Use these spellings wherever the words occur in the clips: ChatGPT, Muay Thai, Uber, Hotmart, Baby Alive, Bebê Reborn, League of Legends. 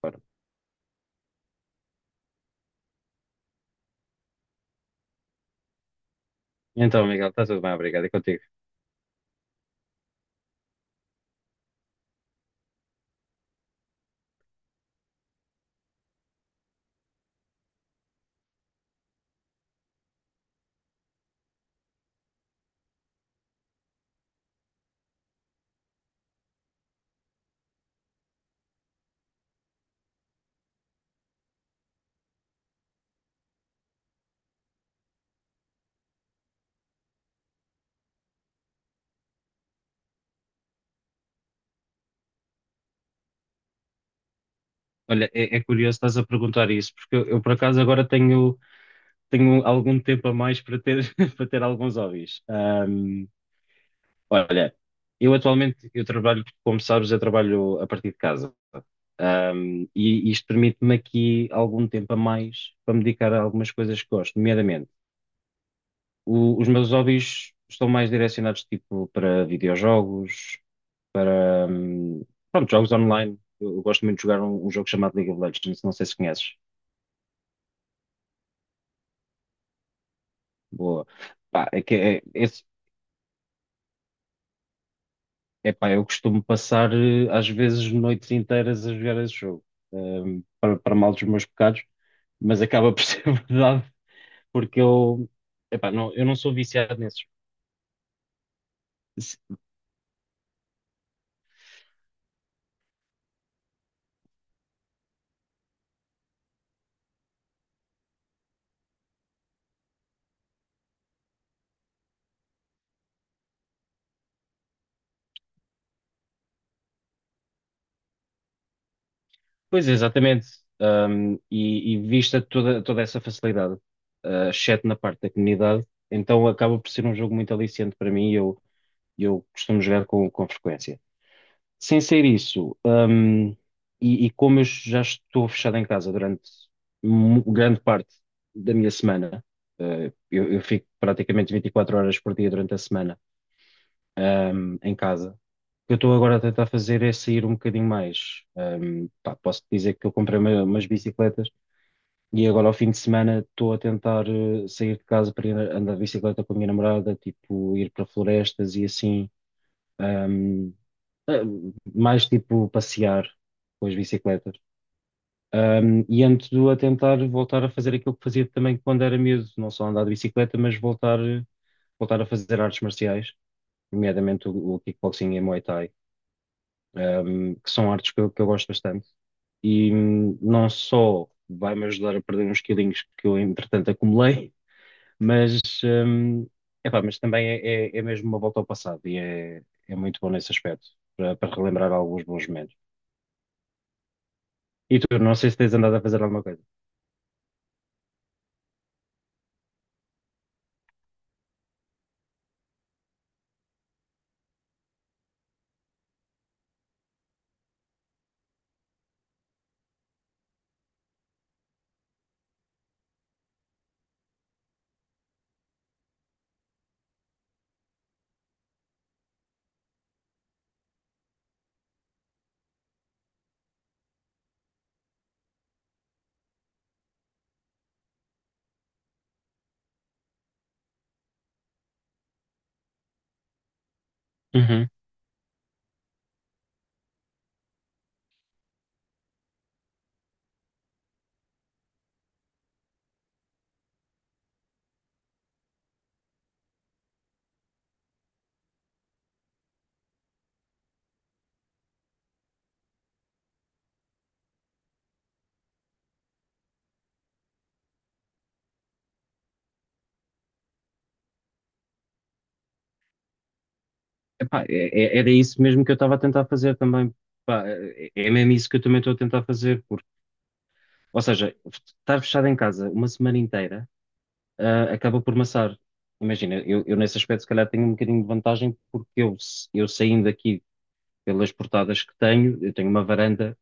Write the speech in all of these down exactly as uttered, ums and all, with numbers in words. Claro. Então, Miguel, está tudo bem, obrigado. É contigo. Olha, é, é curioso estás a perguntar isso, porque eu, eu, por acaso agora tenho, tenho algum tempo a mais para ter, para ter alguns hobbies. Ahm, olha, eu atualmente eu trabalho, como sabes, eu trabalho a partir de casa. Ahm, e isto permite-me aqui algum tempo a mais para me dedicar a algumas coisas que gosto, nomeadamente o- os meus hobbies estão mais direcionados tipo para videojogos, para hum, pronto, jogos online. Eu, eu gosto muito de jogar um, um jogo chamado League of Legends, não sei se conheces. Boa. Pá, é que é, esse, é pá, eu costumo passar eh, às vezes noites inteiras a jogar esse jogo, hum, para, para mal dos meus pecados, mas acaba por ser verdade, porque eu, epá, não, eu não sou viciado nesses. Se- Pois, é, exatamente. Hum, e, e vista toda, toda essa facilidade, eh, exceto na parte da comunidade, então acaba por ser um jogo muito aliciante para mim. Eu, e eu costumo jogar com, com frequência. Sem ser isso, hum, e, e como eu já estou fechado em casa durante mu- grande parte da minha semana, eh, eu, eu fico praticamente vinte e quatro horas por dia durante a semana, hum, em casa. O que eu estou agora a tentar fazer é sair um bocadinho mais. Hum, pá, posso dizer que eu comprei uma- umas bicicletas e agora ao fim de semana estou a tentar eh, sair de casa para ir andar de bicicleta com a minha namorada, tipo ir para florestas e assim. Ahm, eh, Mais tipo passear com as bicicletas. Ahm, e ando a tentar voltar a fazer aquilo que fazia também quando era miúdo, não só andar de bicicleta, mas voltar, voltar a fazer artes marciais, nomeadamente o, o kickboxing e a Muay Thai, ahm, que são artes que eu, que eu gosto bastante. E hum, não só vai-me ajudar a perder uns quilinhos que eu, entretanto, acumulei, mas, hum, epá, mas também é, é, é mesmo uma volta ao passado e é, é muito bom nesse aspecto, para, para relembrar alguns bons momentos. E tu, não sei se tens andado a fazer alguma coisa. Uhum. Epá, é- é- era isso mesmo que eu estava a tentar fazer também. Pá, é é mesmo isso que eu também estou a tentar fazer, porque, ou seja, estar fechado em casa uma semana inteira, ah, acaba por maçar. Imagina, eu, eu nesse aspecto se calhar tenho um bocadinho de vantagem, porque eu, eu saindo aqui pelas portadas que tenho, eu tenho uma varanda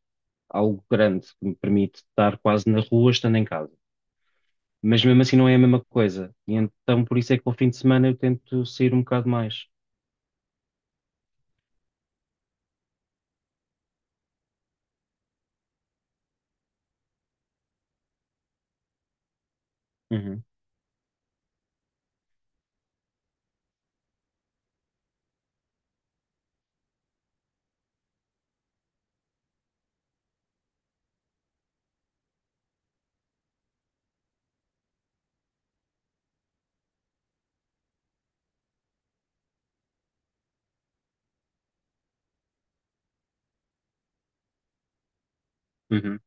algo grande que me permite estar quase na rua estando em casa. Mas mesmo assim não é a mesma coisa. E então por isso é que ao fim de semana eu tento sair um bocado mais. Uhum, uhum.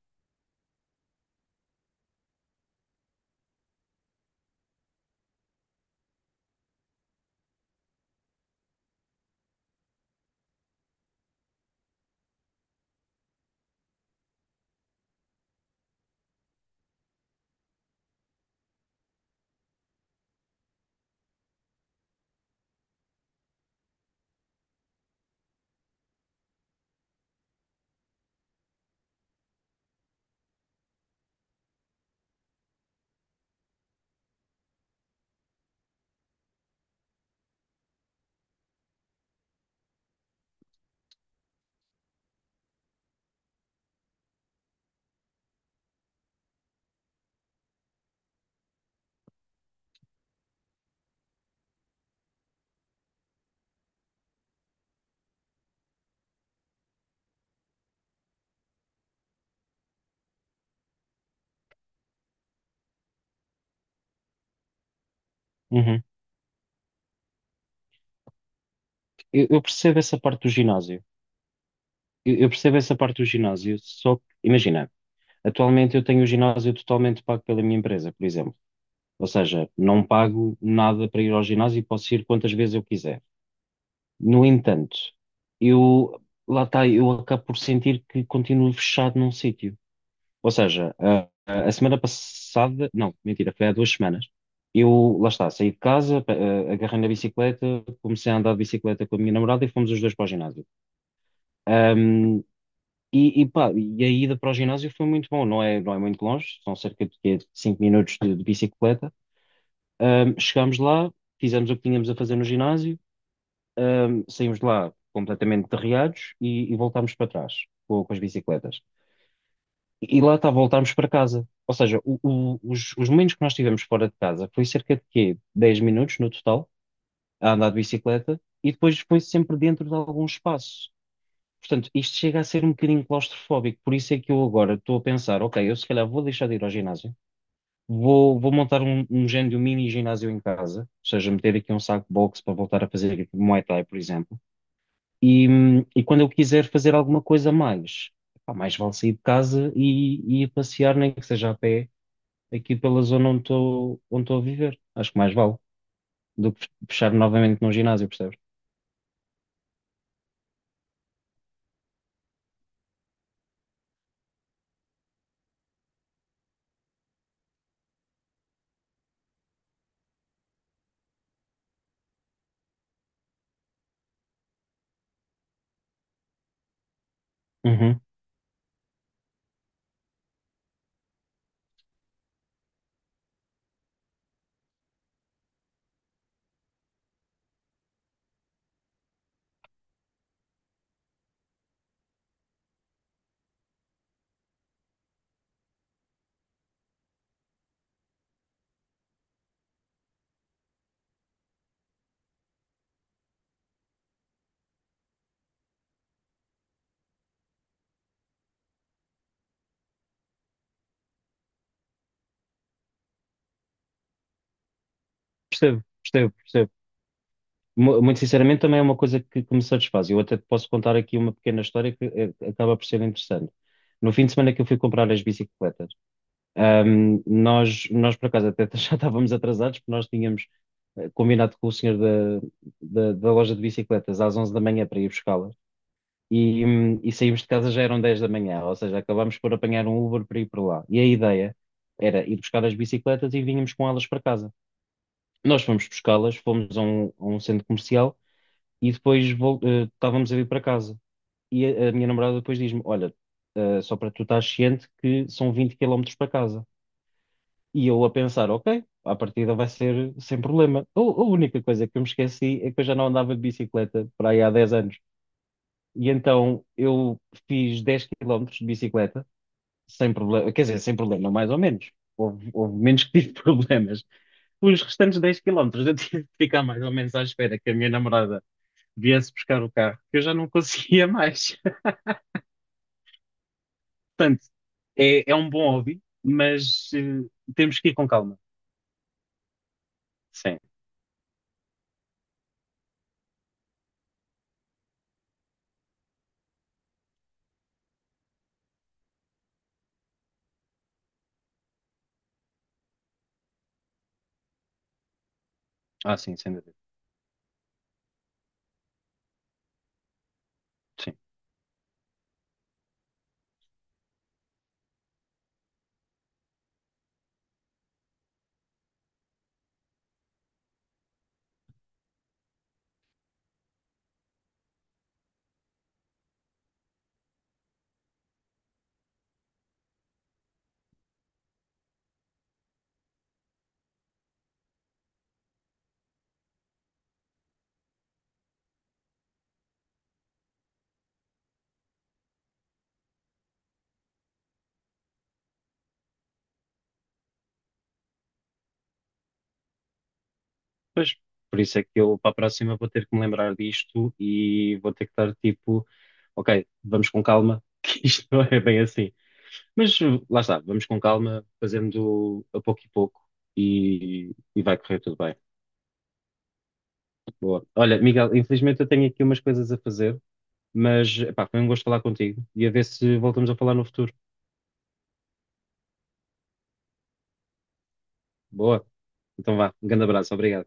Uhum. Eu, eu percebo essa parte do ginásio. Eu, eu percebo essa parte do ginásio, só que, imagina, atualmente eu tenho o ginásio totalmente pago pela minha empresa, por exemplo. Ou seja, não pago nada para ir ao ginásio e posso ir quantas vezes eu quiser. No entanto, eu, lá está, eu acabo por sentir que continuo fechado num sítio. Ou seja, a, a- a semana passada, não, mentira, foi há duas semanas. Eu, lá está, saí de casa, pa- eh, agarrei na bicicleta, comecei a andar de bicicleta com a minha namorada e fomos os dois para o ginásio. Ahm, e, e pá, e a ida para o ginásio foi muito bom, não é, não é muito longe, são cerca de quê, cinco minutos de, de bicicleta. Ahm, chegámos lá, fizemos o que tínhamos a fazer no ginásio, ahm, saímos de lá completamente derreados e, e voltámos para trás com, com as bicicletas. E lá está, voltámos para casa. Ou seja, o- o- os, os momentos que nós tivemos fora de casa foi cerca de quê? dez minutos no total, a andar de bicicleta, e depois foi sempre dentro de algum espaço. Portanto, isto chega a ser um bocadinho claustrofóbico, por isso é que eu agora estou a pensar, ok, eu se calhar vou deixar de ir ao ginásio, vou, vou montar um, um género de um mini ginásio em casa, ou seja, meter aqui um saco de boxe para voltar a fazer tipo Muay Thai, por exemplo, e, hum, e quando eu quiser fazer alguma coisa a mais, pá, mais vale sair de casa e, e ir passear, nem que seja a pé aqui pela zona onde estou onde estou a viver. Acho que mais vale do que fechar novamente num ginásio, percebes? Uhum. Percebo, percebo, percebo. Mu- Muito sinceramente, também é uma coisa que, que me satisfaz. Eu até te posso contar aqui uma pequena história que eh, acaba por ser interessante. No fim de semana que eu fui comprar as bicicletas, ahm, nós, nós por acaso até já estávamos atrasados, porque nós tínhamos eh, combinado com o senhor da, da, da loja de bicicletas às onze da manhã para ir buscá-las. E, hum, e saímos de casa já eram dez da manhã, ou seja, acabámos por apanhar um Uber para ir para lá. E a ideia era ir buscar as bicicletas e vínhamos com elas para casa. Nós fomos buscá-las, fomos a um, a um centro comercial e depois vol- eh, estávamos a vir para casa. E a, a minha namorada depois diz-me: Olha, eh, só para tu estar ciente que são vinte quilómetros para casa. E eu a pensar: Ok, à partida vai ser sem problema. A, a única coisa que eu me esqueci é que eu já não andava de bicicleta para aí há dez anos. E então eu fiz dez quilómetros de bicicleta, sem problema, quer dizer, sem problema, mais ou menos. Houve, houve menos que tive problemas. Os restantes dez quilómetros eu tive de ficar mais ou menos à espera que a minha namorada viesse buscar o carro, que eu já não conseguia mais. Portanto, é, é um bom hobby, mas eh, temos que ir com calma. Sim, ah, sim, sem dúvida. Sim. Pois, por isso é que eu para a próxima vou ter que me lembrar disto e vou ter que estar tipo ok, vamos com calma, que isto não é bem assim. Mas uh, lá está, vamos com calma, fazendo a pouco e pouco e, e vai correr tudo bem. Boa. Olha, Miguel, infelizmente eu tenho aqui umas coisas a fazer, mas epá, foi um gosto falar contigo e a ver se voltamos a falar no futuro. Boa. Então vá, um grande abraço, obrigado.